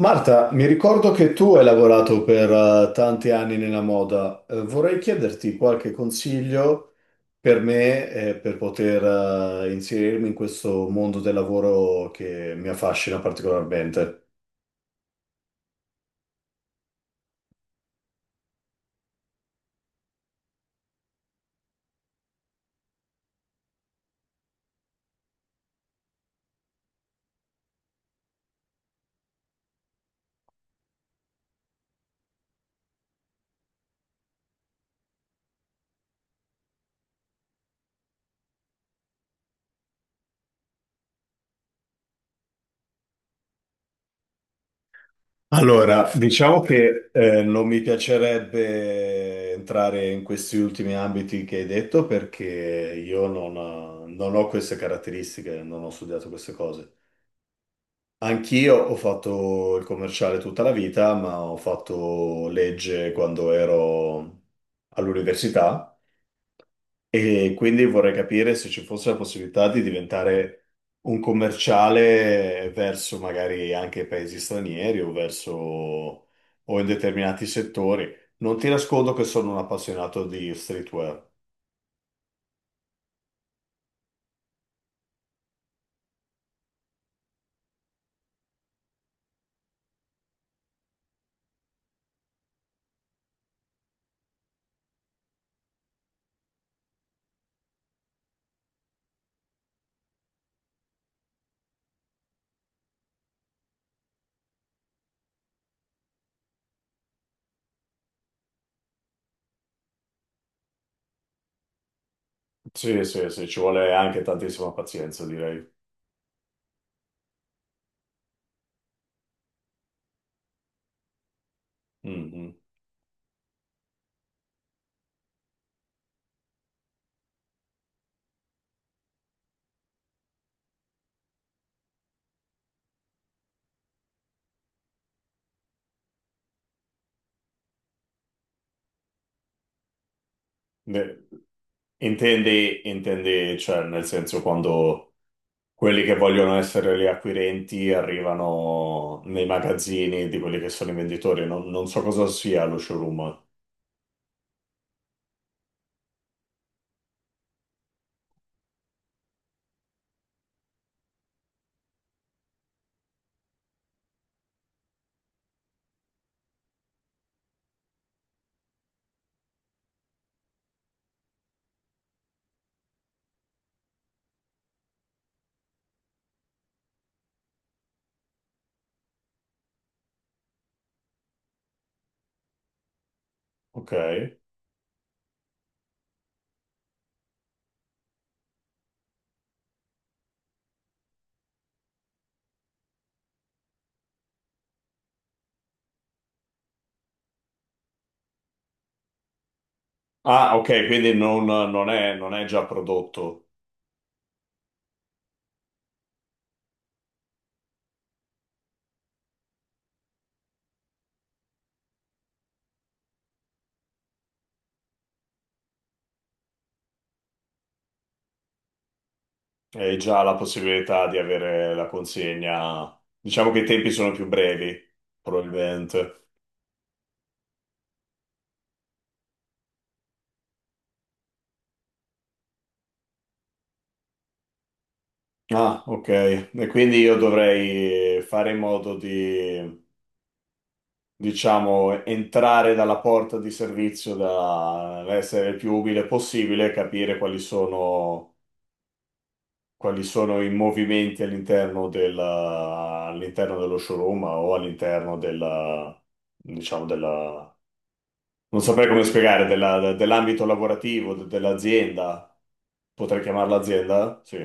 Marta, mi ricordo che tu hai lavorato per tanti anni nella moda. Vorrei chiederti qualche consiglio per me, per poter, inserirmi in questo mondo del lavoro che mi affascina particolarmente. Allora, diciamo che non mi piacerebbe entrare in questi ultimi ambiti che hai detto perché io non ho queste caratteristiche, non ho studiato queste cose. Anch'io ho fatto il commerciale tutta la vita, ma ho fatto legge quando ero all'università e quindi vorrei capire se ci fosse la possibilità di diventare un commerciale verso magari anche paesi stranieri o verso o in determinati settori. Non ti nascondo che sono un appassionato di streetwear. Sì, sì, sì, ci vuole anche tantissima pazienza, direi. Mhm. Beh, intendi, intendi, cioè, nel senso quando quelli che vogliono essere gli acquirenti arrivano nei magazzini di quelli che sono i venditori, non so cosa sia lo showroom. Ok. Ah, ok, quindi non è già prodotto, hai già la possibilità di avere la consegna. Diciamo che i tempi sono più brevi, probabilmente. Ah, ok. E quindi io dovrei fare in modo di, diciamo, entrare dalla porta di servizio, da essere il più umile possibile, capire quali sono i movimenti all'interno dello showroom o all'interno della, diciamo, della, non saprei come spiegare, dell'ambito lavorativo, dell'azienda. Potrei chiamarla azienda? Sì.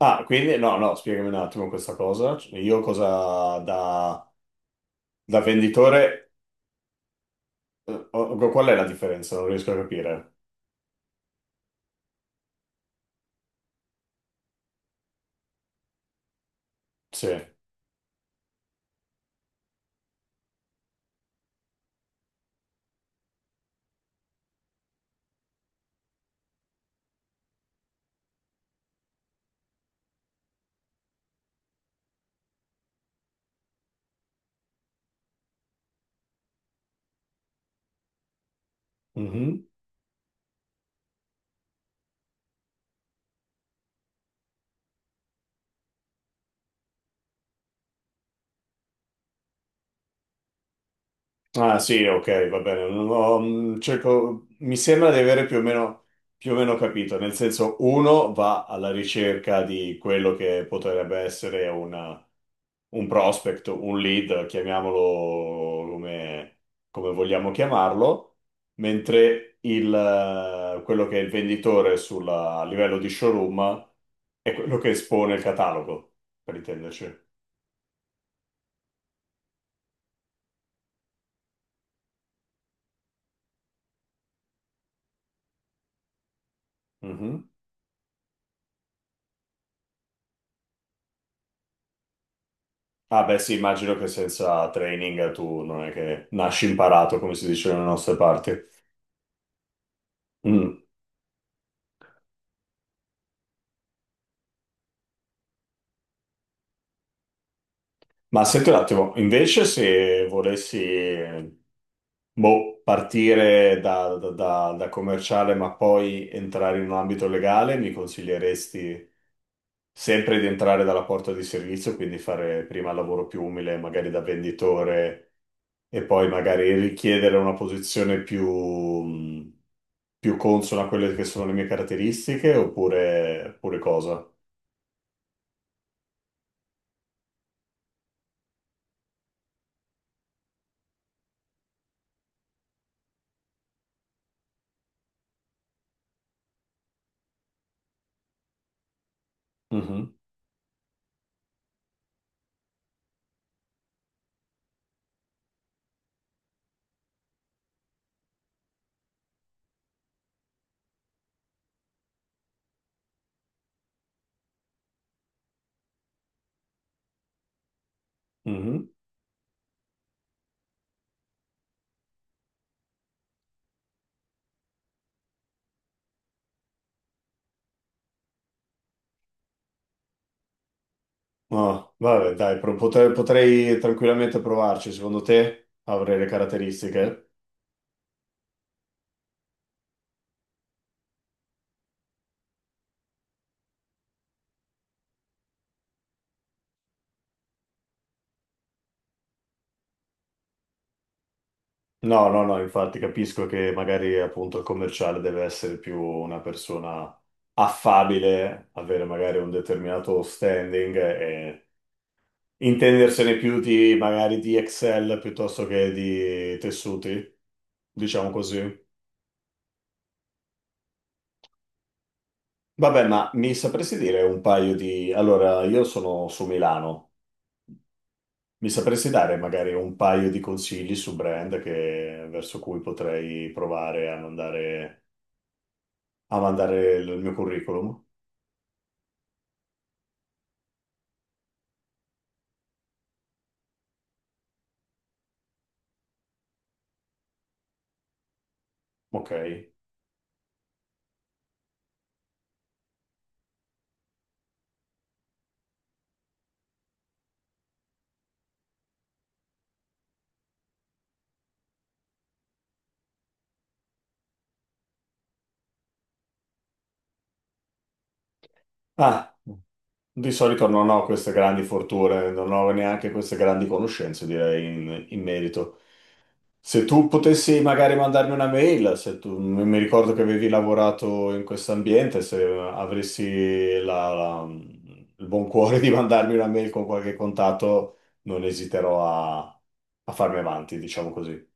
Ah, quindi no, no, spiegami un attimo questa cosa. Io cosa da, da venditore, qual è la differenza? Non riesco a capire. Sì. Mhm. Ah, sì, ok, va bene. Non ho- cerco- mi sembra di avere più o meno capito. Nel senso, uno va alla ricerca di quello che potrebbe essere un prospect, un lead, chiamiamolo come, come vogliamo chiamarlo, mentre quello che è il venditore a livello di showroom è quello che espone il catalogo, per intenderci. Mm-hmm. Ah, beh sì, immagino che senza training tu non è che nasci imparato, come si dice nelle nostre parti. Mm. Ma senti un attimo, invece se volessi, boh, partire da commerciale ma poi entrare in un ambito legale, mi consiglieresti sempre di entrare dalla porta di servizio, quindi fare prima il lavoro più umile, magari da venditore, e poi magari richiedere una posizione più, più consono a quelle che sono le mie caratteristiche oppure, oppure cosa? Mhm, mhm. No, vabbè, dai, potrei, potrei tranquillamente provarci. Secondo te avrei le caratteristiche? No, no, no, infatti capisco che magari appunto il commerciale deve essere più una persona affabile, avere magari un determinato standing e intendersene più di magari di Excel piuttosto che di tessuti, diciamo così. Vabbè, ma mi sapresti dire un paio di... Allora, io sono su Milano. Mi sapresti dare magari un paio di consigli su brand verso cui potrei provare a mandare il mio curriculum? Ok. Ah, di solito non ho queste grandi fortune, non ho neanche queste grandi conoscenze, direi, in, in merito. Se tu potessi magari mandarmi una mail, se tu, mi ricordo che avevi lavorato in questo ambiente, se avessi il buon cuore di mandarmi una mail con qualche contatto, non esiterò a, a farmi avanti, diciamo così.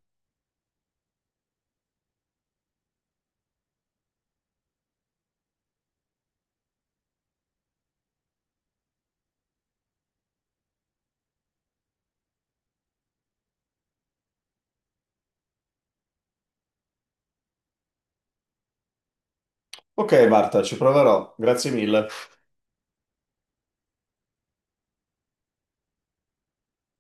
Ok, Marta, ci proverò. Grazie mille.